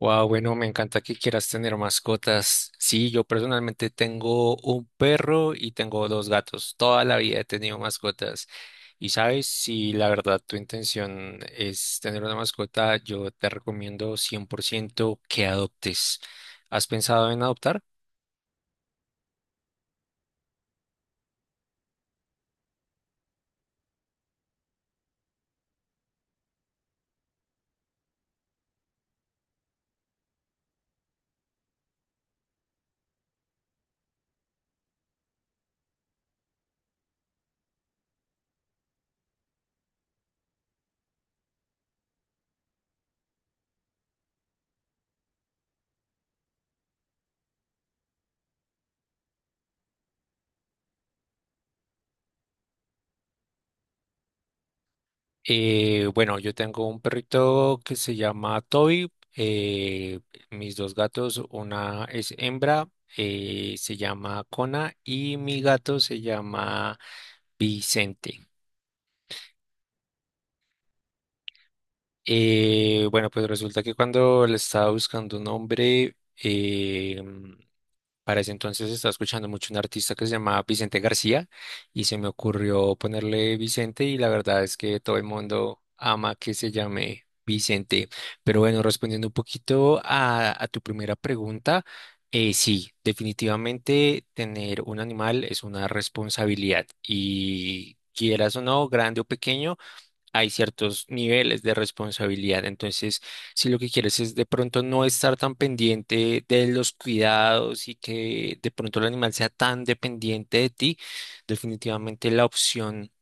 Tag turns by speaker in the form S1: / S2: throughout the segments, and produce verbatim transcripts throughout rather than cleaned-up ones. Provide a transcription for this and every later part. S1: Wow, bueno, me encanta que quieras tener mascotas. Sí, yo personalmente tengo un perro y tengo dos gatos. Toda la vida he tenido mascotas. Y sabes, si la verdad tu intención es tener una mascota, yo te recomiendo cien por ciento que adoptes. ¿Has pensado en adoptar? Eh, bueno, yo tengo un perrito que se llama Toby. Eh, mis dos gatos, una es hembra, eh, se llama Cona, y mi gato se llama Vicente. Eh, bueno, pues resulta que cuando le estaba buscando un nombre, eh, para ese entonces estaba escuchando mucho un artista que se llamaba Vicente García y se me ocurrió ponerle Vicente, y la verdad es que todo el mundo ama que se llame Vicente. Pero bueno, respondiendo un poquito a, a tu primera pregunta, eh, sí, definitivamente tener un animal es una responsabilidad y quieras o no, grande o pequeño, hay ciertos niveles de responsabilidad. Entonces, si lo que quieres es de pronto no estar tan pendiente de los cuidados y que de pronto el animal sea tan dependiente de ti, definitivamente la opción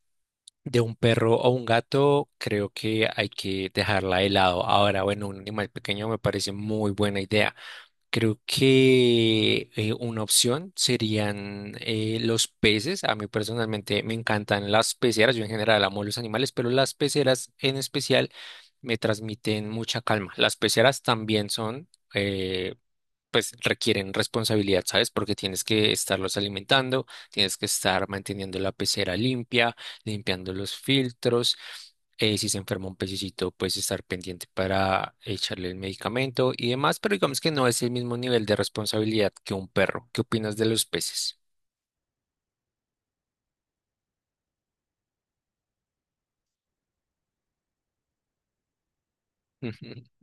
S1: de un perro o un gato creo que hay que dejarla de lado. Ahora, bueno, un animal pequeño me parece muy buena idea. Creo que eh, una opción serían eh, los peces. A mí personalmente me encantan las peceras. Yo en general amo los animales, pero las peceras en especial me transmiten mucha calma. Las peceras también son eh, pues requieren responsabilidad, ¿sabes? Porque tienes que estarlos alimentando, tienes que estar manteniendo la pecera limpia, limpiando los filtros. Eh, si se enferma un pececito, pues estar pendiente para echarle el medicamento y demás, pero digamos que no es el mismo nivel de responsabilidad que un perro. ¿Qué opinas de los peces?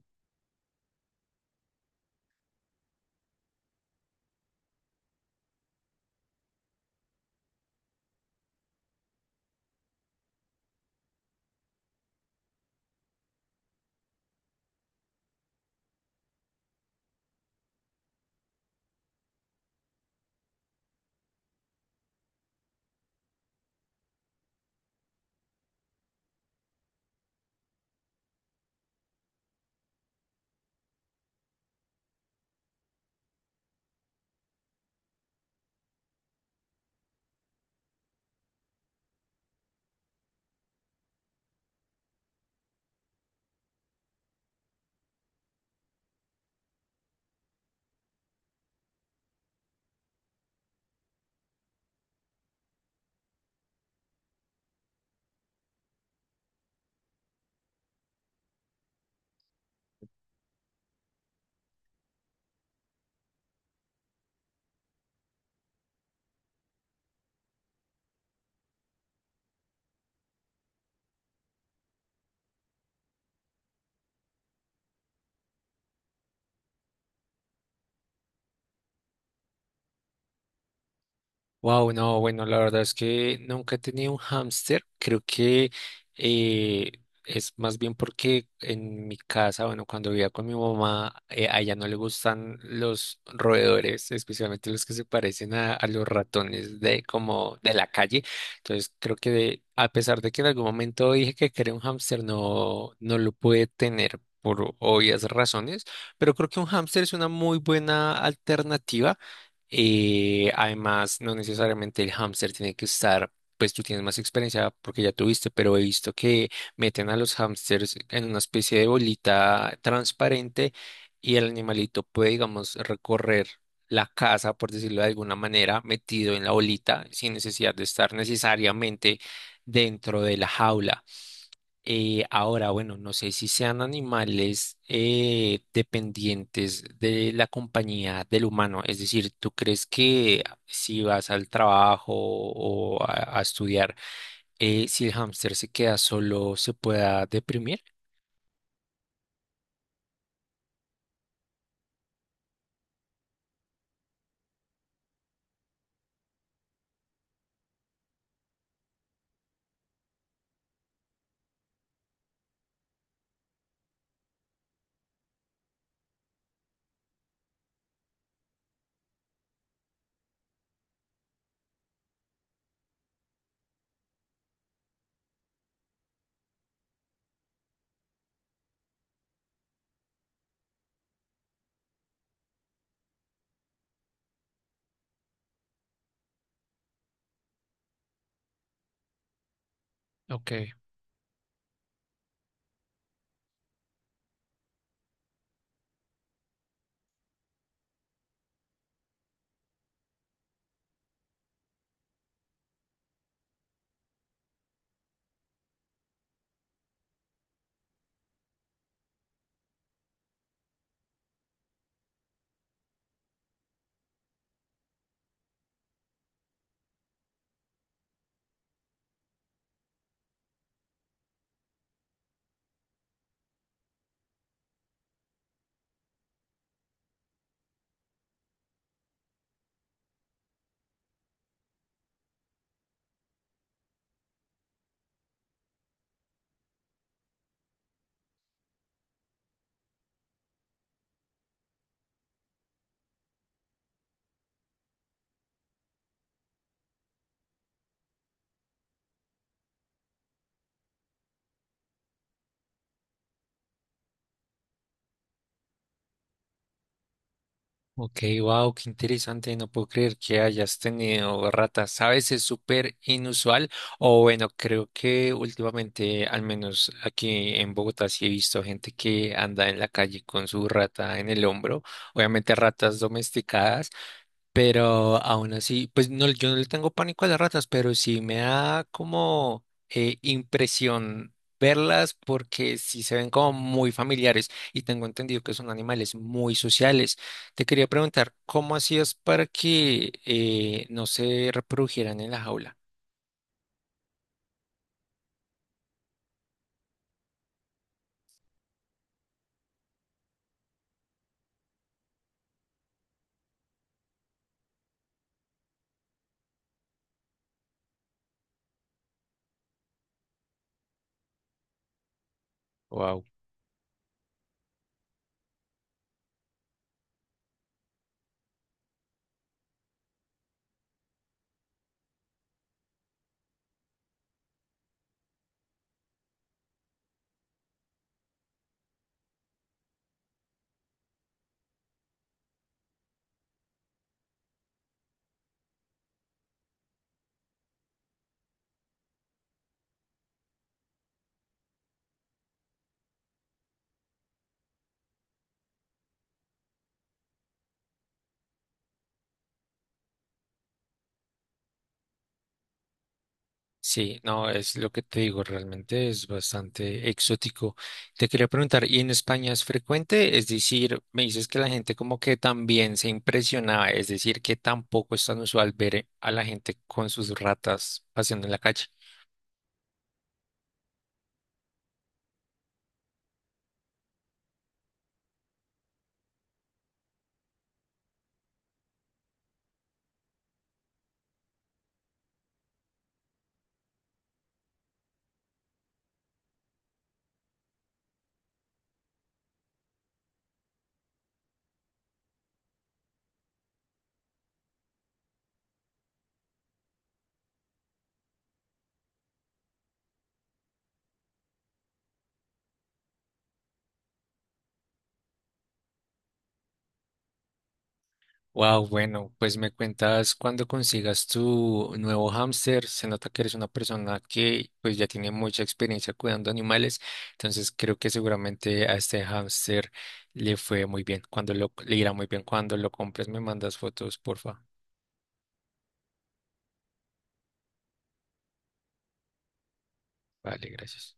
S1: Wow, no, bueno, la verdad es que nunca he tenido un hámster. Creo que eh, es más bien porque en mi casa, bueno, cuando vivía con mi mamá, eh, a ella no le gustan los roedores, especialmente los que se parecen a, a los ratones de como de la calle. Entonces, creo que de- a pesar de que en algún momento dije que quería un hámster, no, no lo pude tener por obvias razones, pero creo que un hámster es una muy buena alternativa y además, no necesariamente el hámster tiene que estar, pues tú tienes más experiencia porque ya tuviste, pero he visto que meten a los hámsters en una especie de bolita transparente y el animalito puede, digamos, recorrer la casa, por decirlo de alguna manera, metido en la bolita sin necesidad de estar necesariamente dentro de la jaula. Eh, ahora, bueno, no sé si sean animales eh, dependientes de la compañía del humano. Es decir, ¿tú crees que si vas al trabajo o a, a estudiar, eh, si el hámster se queda solo, se pueda deprimir? Ok. Ok, wow, qué interesante, no puedo creer que hayas tenido ratas. A veces súper inusual, o bueno, creo que últimamente, al menos aquí en Bogotá, sí he visto gente que anda en la calle con su rata en el hombro, obviamente ratas domesticadas. Pero aún así, pues no, yo no le tengo pánico a las ratas, pero sí me da como eh, impresión verlas porque sí se ven como muy familiares y tengo entendido que son animales muy sociales. Te quería preguntar, ¿cómo hacías para que eh, no se reprodujeran en la jaula? Sí, no, es lo que te digo, realmente es bastante exótico. Te quería preguntar, ¿y en España es frecuente? Es decir, me dices que la gente como que también se impresionaba, es decir, que tampoco es tan usual ver eh, a la gente con sus ratas paseando en la calle. Wow, bueno, pues me cuentas cuando consigas tu nuevo hámster. Se nota que eres una persona que pues ya tiene mucha experiencia cuidando animales, entonces creo que seguramente a este hámster le fue muy bien. Cuando lo, le irá muy bien cuando lo compres, me mandas fotos, porfa. Vale, gracias.